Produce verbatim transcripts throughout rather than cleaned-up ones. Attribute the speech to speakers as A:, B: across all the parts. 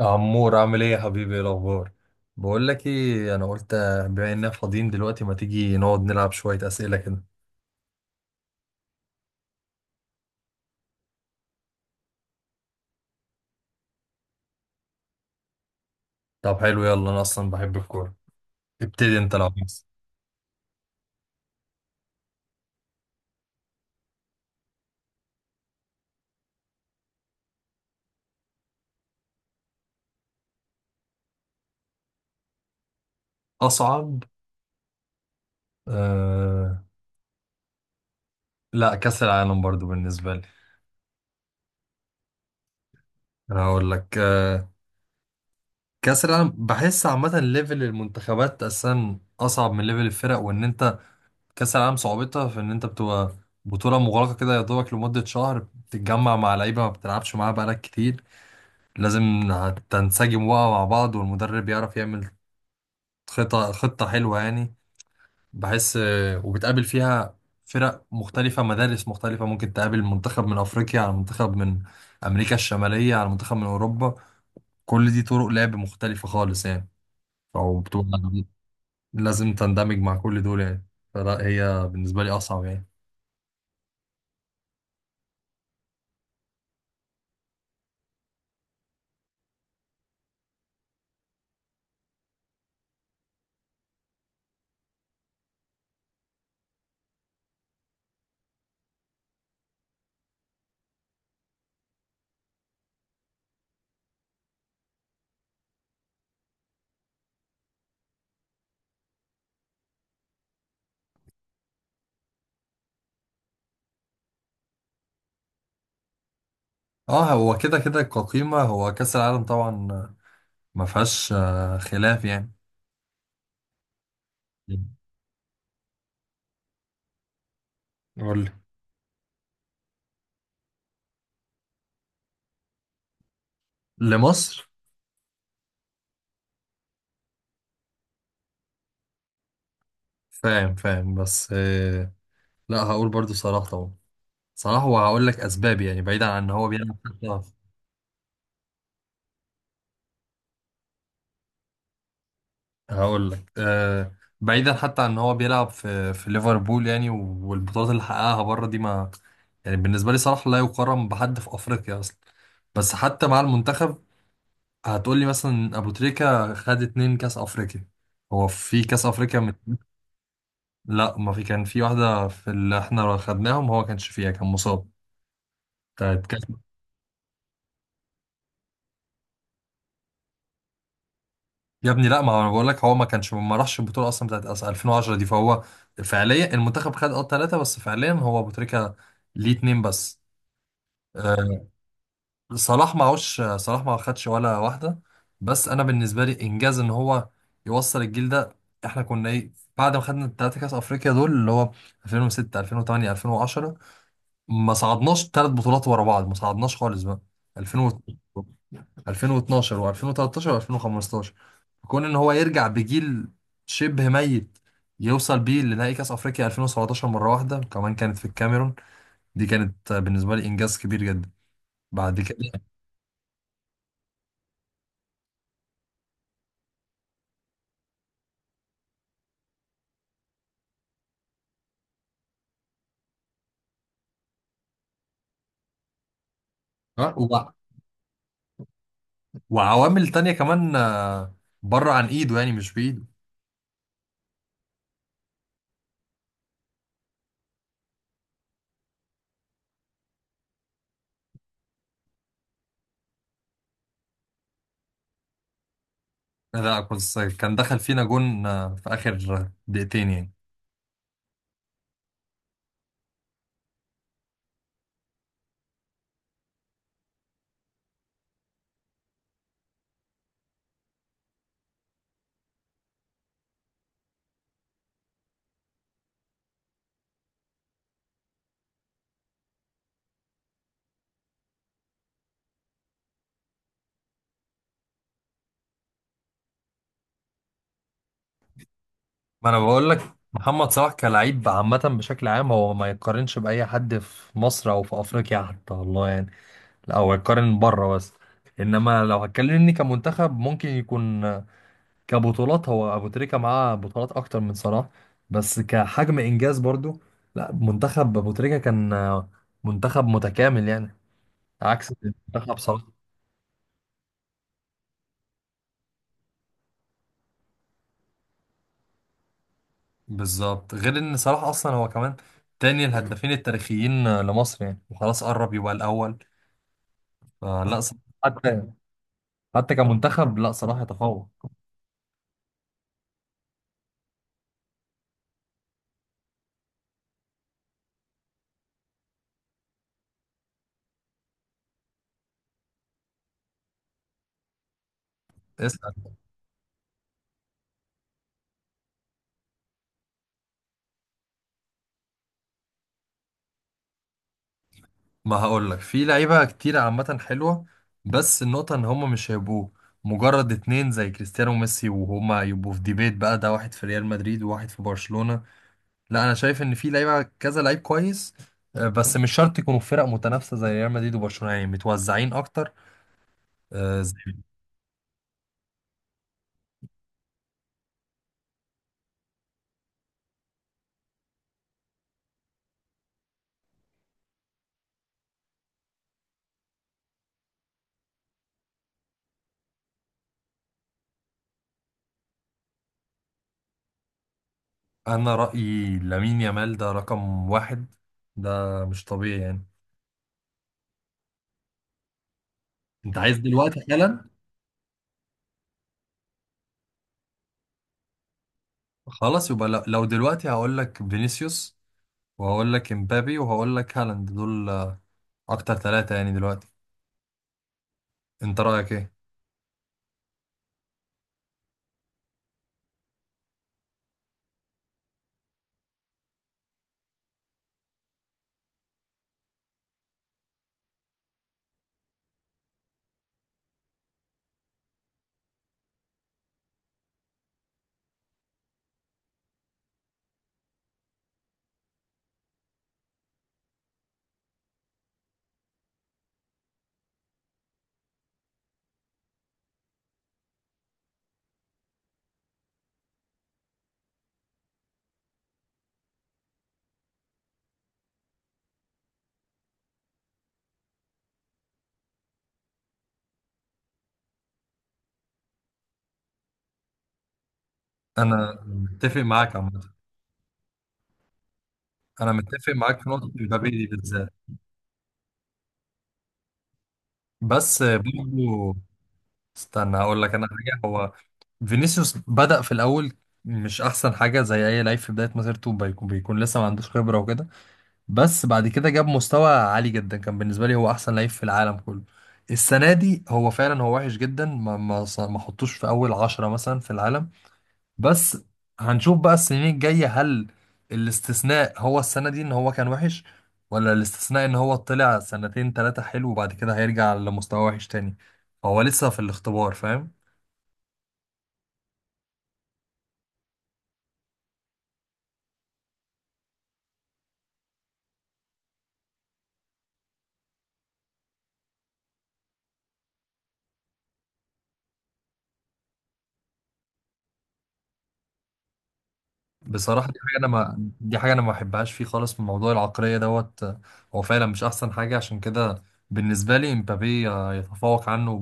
A: عمور عامل ايه يا حبيبي؟ ايه الاخبار؟ بقول لك ايه، انا قلت بما اننا فاضيين دلوقتي ما تيجي نقعد نلعب شويه اسئله كده؟ طب حلو، يلا انا اصلا بحب الكوره. ابتدي انت لو عايز. اصعب. آه... لا، كاس العالم برضو بالنسبه لي. انا هقول لك آه، كاس العالم، بحس عامه ليفل المنتخبات اساسا اصعب من ليفل الفرق، وان انت كاس العالم صعوبتها في ان انت بتبقى بطوله مغلقه كده يا دوبك لمده شهر، بتتجمع مع لعيبه ما بتلعبش معاها بقالك كتير، لازم تنسجم بقى مع بعض والمدرب يعرف يعمل خطة خطة حلوة يعني. بحس وبتقابل فيها فرق مختلفة، مدارس مختلفة، ممكن تقابل منتخب من أفريقيا على منتخب من أمريكا الشمالية على منتخب من أوروبا، كل دي طرق لعب مختلفة خالص يعني. أو بتبقى لازم تندمج مع كل دول يعني. فلا هي بالنسبة لي أصعب يعني. اه، هو كده كده كقيمة، هو كأس العالم طبعا ما فيهاش آه، خلاف يعني. قول لي لمصر. فاهم فاهم، بس آه، لا، هقول برضو صلاح طبعا. صلاح، وهقول لك اسباب يعني بعيدا عن ان هو بيلعب حتى. هقول لك آه، بعيدا حتى عن ان هو بيلعب في في ليفربول يعني، والبطولات اللي حققها بره دي ما، يعني بالنسبه لي صلاح لا يقارن بحد في افريقيا اصلا. بس حتى مع المنتخب، هتقول لي مثلا ابو تريكه خد اتنين كاس افريقيا. هو في كاس افريقيا من... لا، ما في، كان في واحده في اللي احنا خدناهم هو كانش فيها، كان مصاب. يا ابني لا، ما هو انا بقول لك هو ما كانش ما راحش البطوله اصلا بتاعت أس- ألفين وعشرة دي، فهو فعليا المنتخب خد اه ثلاثه بس، فعليا هو ابو تريكه ليه اتنين بس آه، صلاح معهوش، صلاح ما خدش ولا واحده. بس انا بالنسبه لي انجاز ان هو يوصل الجيل ده، احنا كنا ايه بعد ما خدنا الثلاثه كاس افريقيا دول اللي هو ألفين وستة، ألفين وثمانية، ألفين وعشرة؟ ما صعدناش ثلاث بطولات ورا بعض، ما صعدناش خالص بقى ألفين و- ألفين واتناشر و2013 و2015. كون ان هو يرجع بجيل شبه ميت يوصل بيه لنهائي كاس افريقيا ألفين وسبعة عشر مره واحده وكمان كانت في الكاميرون، دي كانت آه، بالنسبه لي انجاز كبير جدا. بعد كده آه، وع- وعوامل تانية كمان آه، بره عن ايده يعني، مش بايده. لا بس كان دخل فينا جون آه، في اخر دقيقتين يعني. ما انا بقول لك، محمد صلاح كلاعب عامة بشكل عام هو ما يقارنش بأي حد في مصر أو في أفريقيا حتى والله يعني. لا، هو يقارن بره بس. انما لو هتكلمني كمنتخب، ممكن يكون كبطولات هو ابو تريكة معاه بطولات اكتر من صلاح، بس كحجم انجاز برضو لا، منتخب ابو تريكة كان منتخب متكامل يعني، عكس منتخب صلاح. بالظبط. غير ان صلاح اصلا هو كمان تاني الهدافين التاريخيين لمصر يعني، وخلاص قرب يبقى الاول. فلا صلاح، حتى حتى كمنتخب لا، صلاح يتفوق. ما هقول لك، في لعيبة كتير عامة حلوة، بس النقطة ان هما مش هيبقوا مجرد اتنين زي كريستيانو وميسي، وهما يبقوا في ديبيت بقى، ده واحد في ريال مدريد وواحد في برشلونة. لا، انا شايف ان في لعيبة كذا لعيب كويس آه، بس مش شرط يكونوا في فرق متنافسة زي ريال مدريد وبرشلونة، يعني متوزعين اكتر. آه، زي انا رأيي لامين يامال ده رقم واحد، ده مش طبيعي يعني. انت عايز دلوقتي حالا؟ خلاص، يبقى لو لو دلوقتي هقول لك فينيسيوس، وهقول لك امبابي، وهقول لك هالاند، دول آه، اكتر ثلاثة يعني دلوقتي. انت رأيك ايه؟ انا متفق معاك عامة، انا متفق معاك في نقطة امبابي دي بالذات. بس آه، برضو استنى هقول لك انا حاجة. هو فينيسيوس بدأ في الاول مش احسن حاجة، زي اي لعيب في بداية مسيرته بيكون بيكون لسه ما عندوش خبرة وكده، بس بعد كده جاب مستوى عالي جدا، كان بالنسبة لي هو احسن لعيب في العالم كله. السنة دي هو فعلا هو وحش جدا، ما ما ما حطوش في اول عشرة مثلا في العالم. بس هنشوف بقى السنين الجاية، هل الاستثناء هو السنة دي ان هو كان وحش، ولا الاستثناء ان هو طلع سنتين تلاتة حلو وبعد كده هيرجع لمستوى وحش تاني؟ فهو لسه في الاختبار، فاهم. بصراحة دي حاجة انا ما دي حاجة انا ما بحبهاش فيه خالص، من موضوع العقلية دوت. هو فعلا مش احسن حاجة، عشان كده بالنسبة لي امبابي يتفوق عنه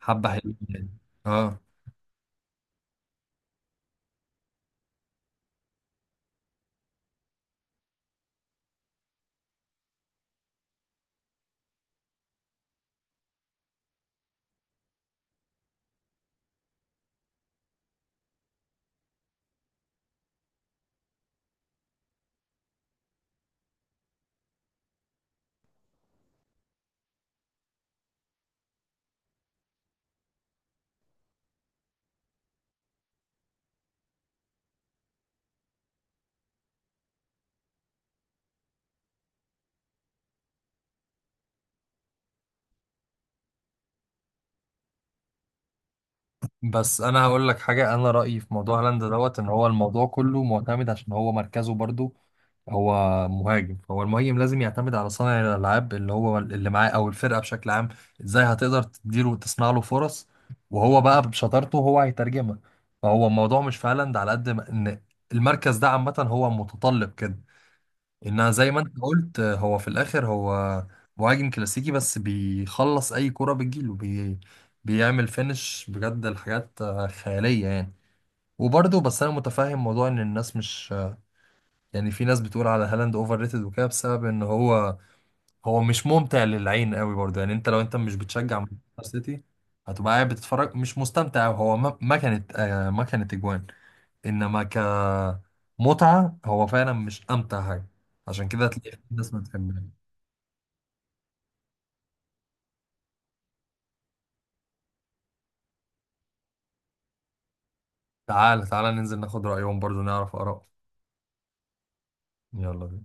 A: بحبة حلوة يعني. اه، بس انا هقول لك حاجة، انا رأيي في موضوع هالاند دوت ان هو الموضوع كله معتمد عشان هو مركزه برضو. هو مهاجم، فهو المهاجم لازم يعتمد على صانع الالعاب اللي هو اللي معاه او الفرقه بشكل عام، ازاي هتقدر تديله وتصنع له فرص، وهو بقى بشطارته هو هيترجمها. فهو الموضوع مش في هالاند على قد ما ان المركز ده عامه هو متطلب كده، انها زي ما انت قلت هو في الاخر هو مهاجم كلاسيكي بس بيخلص اي كرة بتجيله بي بيعمل فينش، بجد الحاجات خيالية يعني. وبرضه بس انا متفاهم موضوع ان الناس مش، يعني في ناس بتقول على هالاند اوفر ريتد وكده بسبب ان هو هو مش ممتع للعين قوي برضه يعني. انت لو انت مش بتشجع مانشستر سيتي، هتبقى قاعد بتتفرج مش مستمتع. هو ما ما كانت آه، ما كانت اجوان، انما كمتعة هو فعلا مش امتع حاجة، عشان كده هتلاقي في ناس ما بتحبهاش. تعال تعال ننزل ناخد رأيهم برضه، نعرف آراءهم. يلا بينا.